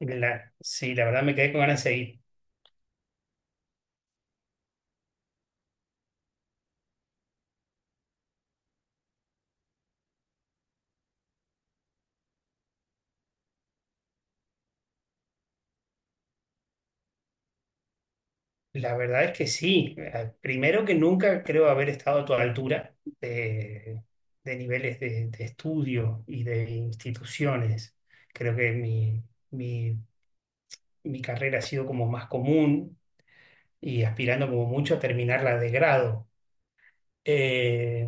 Sí, la verdad me quedé con ganas de seguir. La verdad es que sí. Primero que nunca creo haber estado a tu altura de niveles de estudio y de instituciones. Creo que mi, mi carrera ha sido como más común y aspirando como mucho a terminarla de grado. Eh,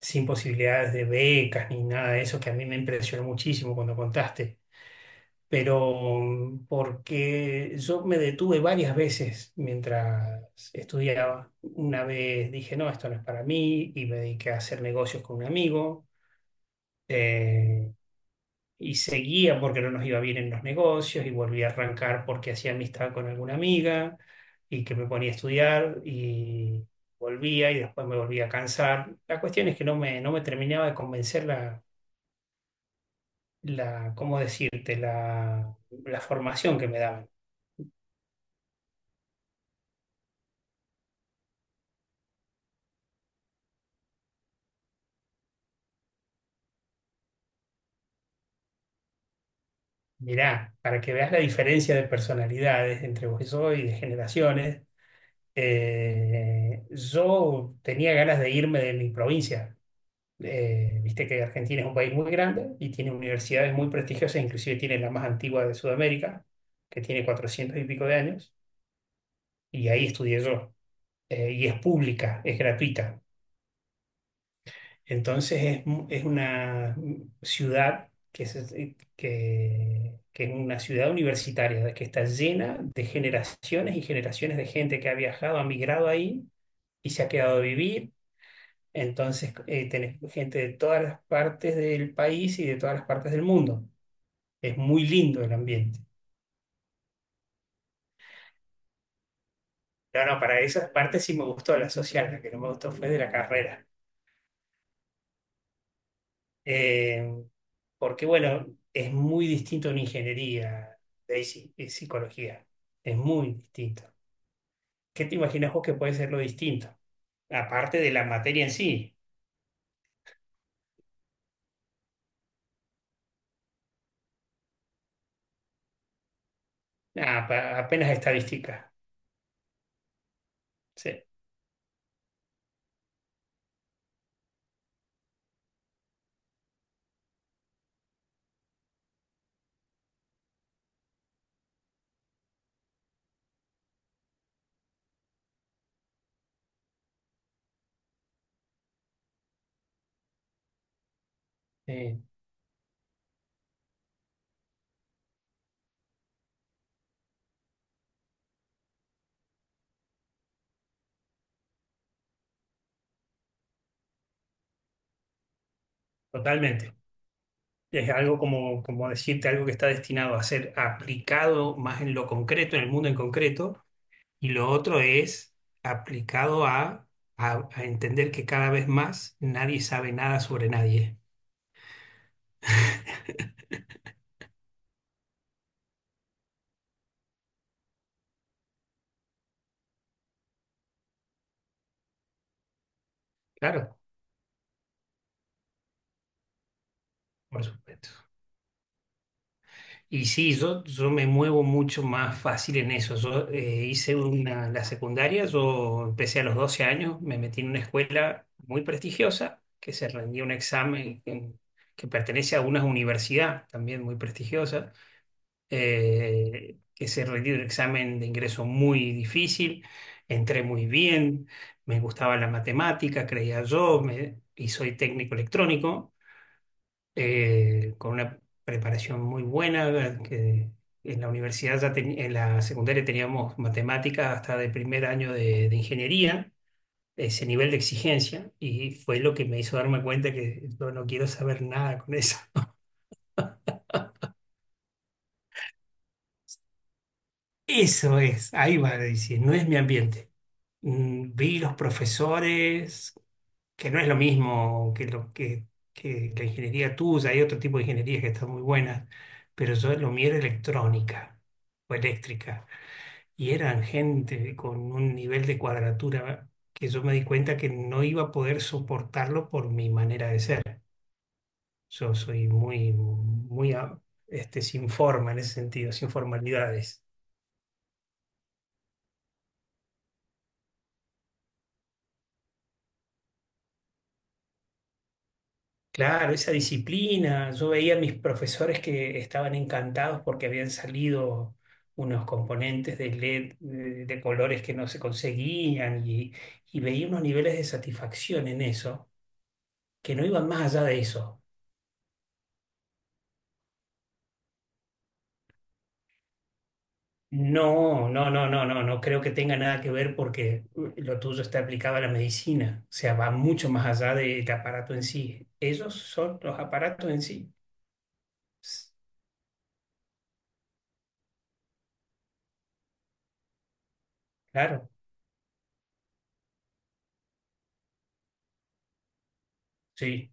sin posibilidades de becas ni nada de eso, que a mí me impresionó muchísimo cuando contaste. Pero porque yo me detuve varias veces mientras estudiaba. Una vez dije, no, esto no es para mí, y me dediqué a hacer negocios con un amigo, eh, y seguía porque no nos iba bien en los negocios, y volví a arrancar porque hacía amistad con alguna amiga, y que me ponía a estudiar, y volvía, y después me volvía a cansar. La cuestión es que no me terminaba de convencer ¿cómo decirte?, la formación que me daban. Mirá, para que veas la diferencia de personalidades entre vos y yo y de generaciones. Yo tenía ganas de irme de mi provincia. Viste que Argentina es un país muy grande y tiene universidades muy prestigiosas, inclusive tiene la más antigua de Sudamérica, que tiene 400 y pico de años, y ahí estudié yo. Y es pública, es gratuita. Entonces es, es una ciudad que es, que es una ciudad universitaria, que está llena de generaciones y generaciones de gente que ha viajado, ha migrado ahí y se ha quedado a vivir. Entonces tenés gente de todas las partes del país y de todas las partes del mundo. Es muy lindo el ambiente. No, no, para esas partes sí me gustó la social, la que no me gustó fue de la carrera. Eh, porque bueno, es muy distinto a una ingeniería, Daisy, y psicología. Es muy distinto. ¿Qué te imaginas vos que puede ser lo distinto? Aparte de la materia en sí, apenas estadística. Sí, eh, totalmente. Es algo como, como decirte algo que está destinado a ser aplicado más en lo concreto, en el mundo en concreto, y lo otro es aplicado a, a entender que cada vez más nadie sabe nada sobre nadie. Claro. Por supuesto. Y sí, yo me muevo mucho más fácil en eso. Yo hice una, la secundaria, yo empecé a los 12 años, me metí en una escuela muy prestigiosa, que se rendía un examen que pertenece a una universidad también muy prestigiosa, que se rendía un examen de ingreso muy difícil, entré muy bien, me gustaba la matemática, creía yo, y soy técnico electrónico. Con una preparación muy buena, que en la universidad ya en la secundaria teníamos matemáticas hasta de primer año de ingeniería, ese nivel de exigencia, y fue lo que me hizo darme cuenta que yo no quiero saber nada con eso. Eso es, ahí va, a decir, no es mi ambiente. Vi los profesores, que no es lo mismo que que la ingeniería tuya, hay otro tipo de ingenierías que están muy buenas, pero yo lo mío era electrónica o eléctrica. Y eran gente con un nivel de cuadratura que yo me di cuenta que no iba a poder soportarlo por mi manera de ser. Yo soy muy sin forma en ese sentido, sin formalidades. Claro, esa disciplina. Yo veía a mis profesores que estaban encantados porque habían salido unos componentes de LED de colores que no se conseguían, y veía unos niveles de satisfacción en eso que no iban más allá de eso. No, no creo que tenga nada que ver porque lo tuyo está aplicado a la medicina, o sea, va mucho más allá del aparato en sí. Ellos son los aparatos en sí. S- Claro, sí,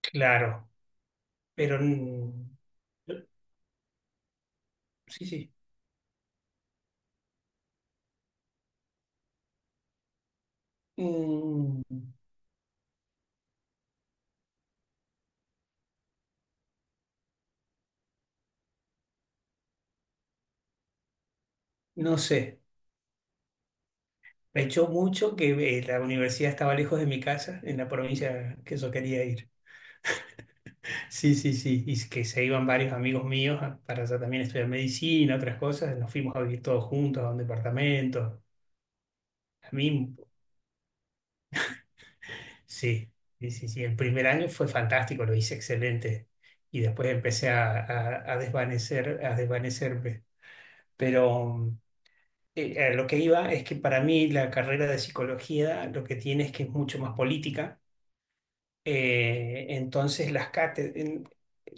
claro, pero sí, sí. Mm, No sé, me echó mucho que la universidad estaba lejos de mi casa, en la provincia que yo quería ir. Sí, sí, sí. Y que se iban varios amigos míos para allá también estudiar medicina, otras cosas. Nos fuimos a vivir todos juntos a un departamento. A mí, sí, sí, sí, sí. El primer año fue fantástico, lo hice excelente. Y después empecé a, a desvanecer, a desvanecerme. Pero a lo que iba es que para mí la carrera de psicología lo que tiene es que es mucho más política. Entonces las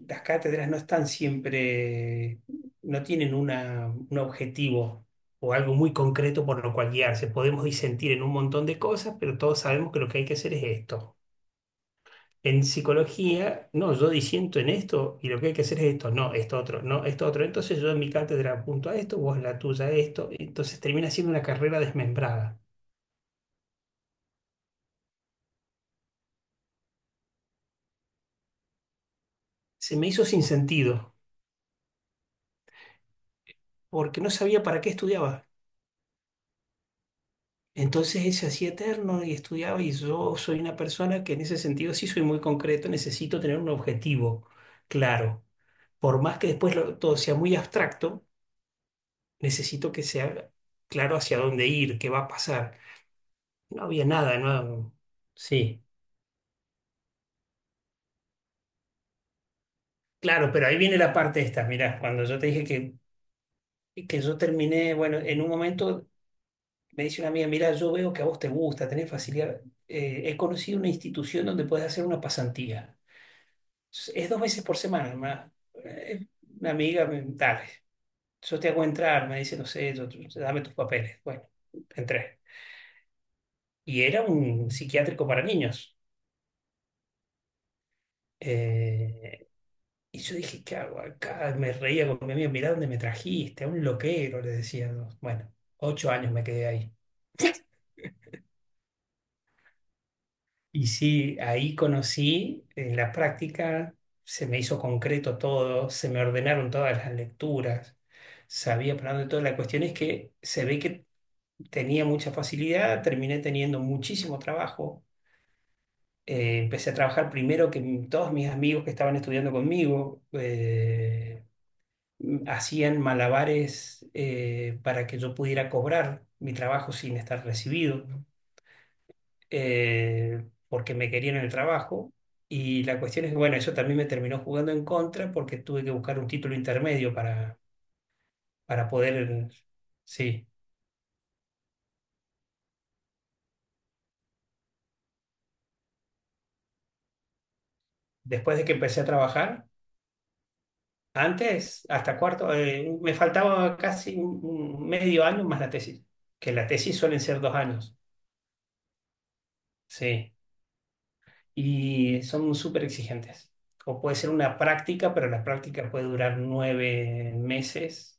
las cátedras no están siempre, no tienen un objetivo o algo muy concreto por lo cual guiarse. Podemos disentir en un montón de cosas, pero todos sabemos que lo que hay que hacer es esto. En psicología, no, yo disiento en esto y lo que hay que hacer es esto, no, esto otro, no, esto otro. Entonces yo en mi cátedra apunto a esto, vos en la tuya a esto. Entonces termina siendo una carrera desmembrada. Se me hizo sin sentido, porque no sabía para qué estudiaba. Entonces él se hacía eterno y estudiaba y yo soy una persona que en ese sentido sí soy muy concreto, necesito tener un objetivo claro. Por más que después todo sea muy abstracto, necesito que sea claro hacia dónde ir, qué va a pasar. No había nada, no. Sí, claro, pero ahí viene la parte esta, mirá, cuando yo te dije que yo terminé, bueno, en un momento me dice una amiga, mirá, yo veo que a vos te gusta, tenés facilidad. He conocido una institución donde puedes hacer una pasantía. Es dos veces por semana, hermana. Eh, Una amiga, dale, yo te hago entrar, me dice, no sé, dame tus papeles. Bueno, entré. Y era un psiquiátrico para niños. Eh, y yo dije, ¿qué hago acá? Me reía con mi amigo, mirá dónde me trajiste, a un loquero, le decía. ¿No? Bueno, 8 años me quedé ahí. Y sí, ahí conocí, en la práctica se me hizo concreto todo, se me ordenaron todas las lecturas, sabía para dónde todo. La cuestión es que se ve que tenía mucha facilidad, terminé teniendo muchísimo trabajo. Empecé a trabajar primero que todos mis amigos que estaban estudiando conmigo, hacían malabares para que yo pudiera cobrar mi trabajo sin estar recibido. Porque me querían en el trabajo. Y la cuestión es que, bueno, eso también me terminó jugando en contra porque tuve que buscar un título intermedio para poder, sí, después de que empecé a trabajar, antes, hasta cuarto, me faltaba casi un medio año más la tesis, que la tesis suelen ser dos años, sí, y son súper exigentes. O puede ser una práctica, pero la práctica puede durar 9 meses,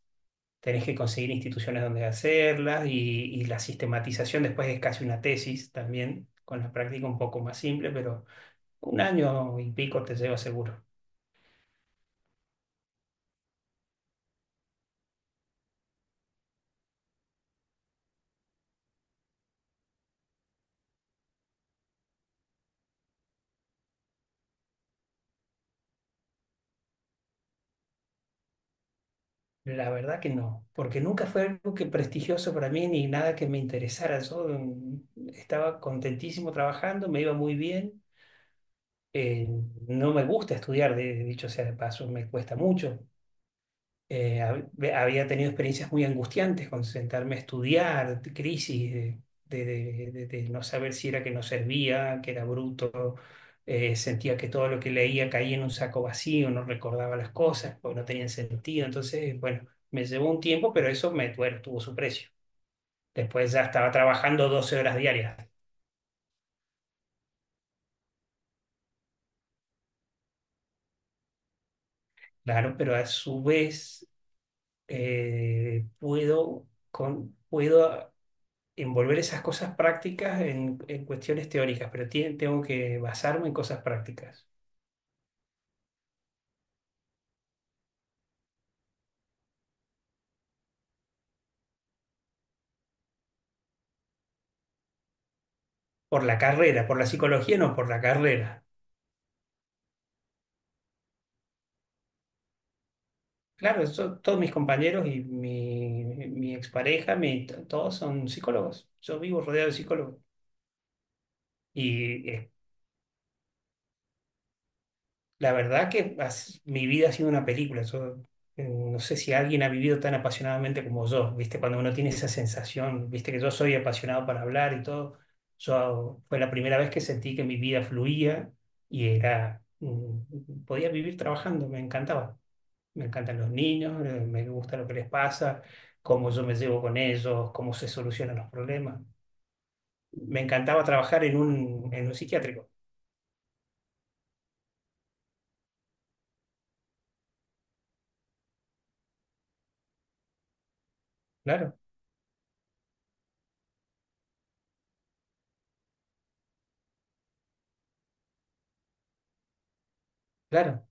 tenés que conseguir instituciones donde hacerlas, y la sistematización después es casi una tesis también, con la práctica un poco más simple, pero un año y pico te lleva seguro. La verdad que no, porque nunca fue algo que prestigioso para mí ni nada que me interesara. Yo estaba contentísimo trabajando, me iba muy bien. Eh, no me gusta estudiar, de, dicho sea de paso, me cuesta mucho. Había tenido experiencias muy angustiantes con sentarme a estudiar, crisis de no saber si era que no servía, que era bruto. Sentía que todo lo que leía caía en un saco vacío, no recordaba las cosas, porque no tenían sentido. Entonces, bueno, me llevó un tiempo, pero eso me, bueno, tuvo su precio. Después ya estaba trabajando 12 horas diarias, claro, pero a su vez puedo envolver esas cosas prácticas en cuestiones teóricas, pero tengo que basarme en cosas prácticas. Por la carrera, por la psicología, no, por la carrera. Claro, todos mis compañeros y mi expareja, todos son psicólogos. Yo vivo rodeado de psicólogos. Y la verdad que mi vida ha sido una película. Yo, no sé si alguien ha vivido tan apasionadamente como yo, ¿viste? Cuando uno tiene esa sensación, ¿viste? Que yo soy apasionado para hablar y todo. Yo fue la primera vez que sentí que mi vida fluía y era, podía vivir trabajando, me encantaba. Me encantan los niños, me gusta lo que les pasa, cómo yo me llevo con ellos, cómo se solucionan los problemas. Me encantaba trabajar en un psiquiátrico. Claro, claro.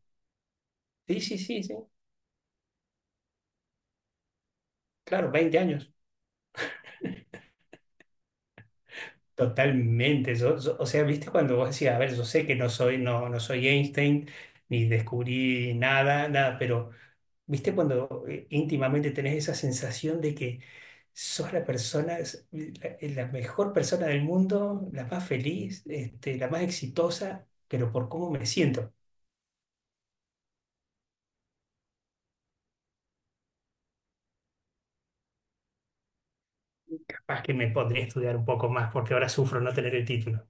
Sí, sí, sí, sí. Claro, 20 años. Totalmente. O sea, viste cuando vos decías, a ver, yo sé que no soy, no, no soy Einstein, ni descubrí nada, nada, pero viste cuando íntimamente tenés esa sensación de que sos la persona, la mejor persona del mundo, la más feliz, la más exitosa, pero por cómo me siento. Capaz que me podría estudiar un poco más, porque ahora sufro no tener el título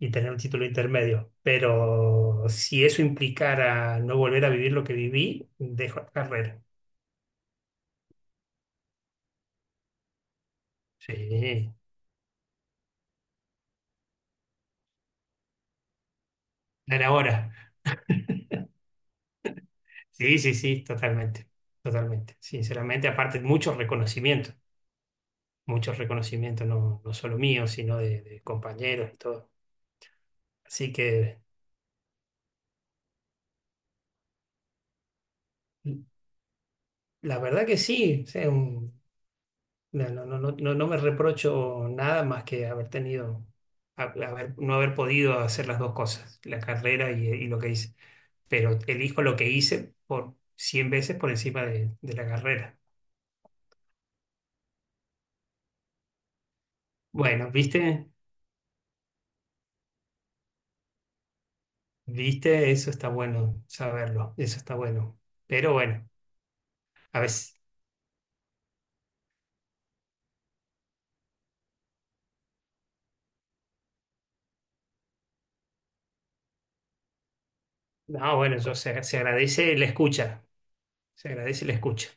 y tener un título intermedio. Pero si eso implicara no volver a vivir lo que viví, dejo la carrera. Sí, dar ahora. Sí, sí, sí, totalmente, totalmente. Sinceramente, aparte, muchos reconocimientos, no, no solo míos, sino de compañeros y todo. Así que, la verdad que sí, o sea, no, no, no, no, no me reprocho nada más que haber tenido, no haber podido hacer las dos cosas, la carrera y lo que hice. Pero elijo lo que hice por 100 veces por encima de la carrera. Bueno, ¿viste? ¿Viste? Eso está bueno saberlo, eso está bueno. Pero bueno, a veces, no, bueno, se agradece la escucha, se agradece la escucha.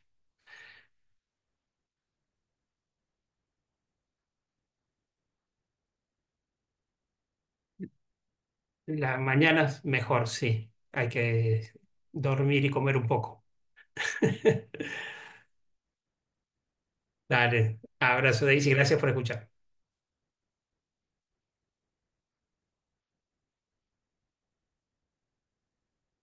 La mañana es mejor, sí, hay que dormir y comer un poco. Dale, abrazo Daisy, gracias por escuchar.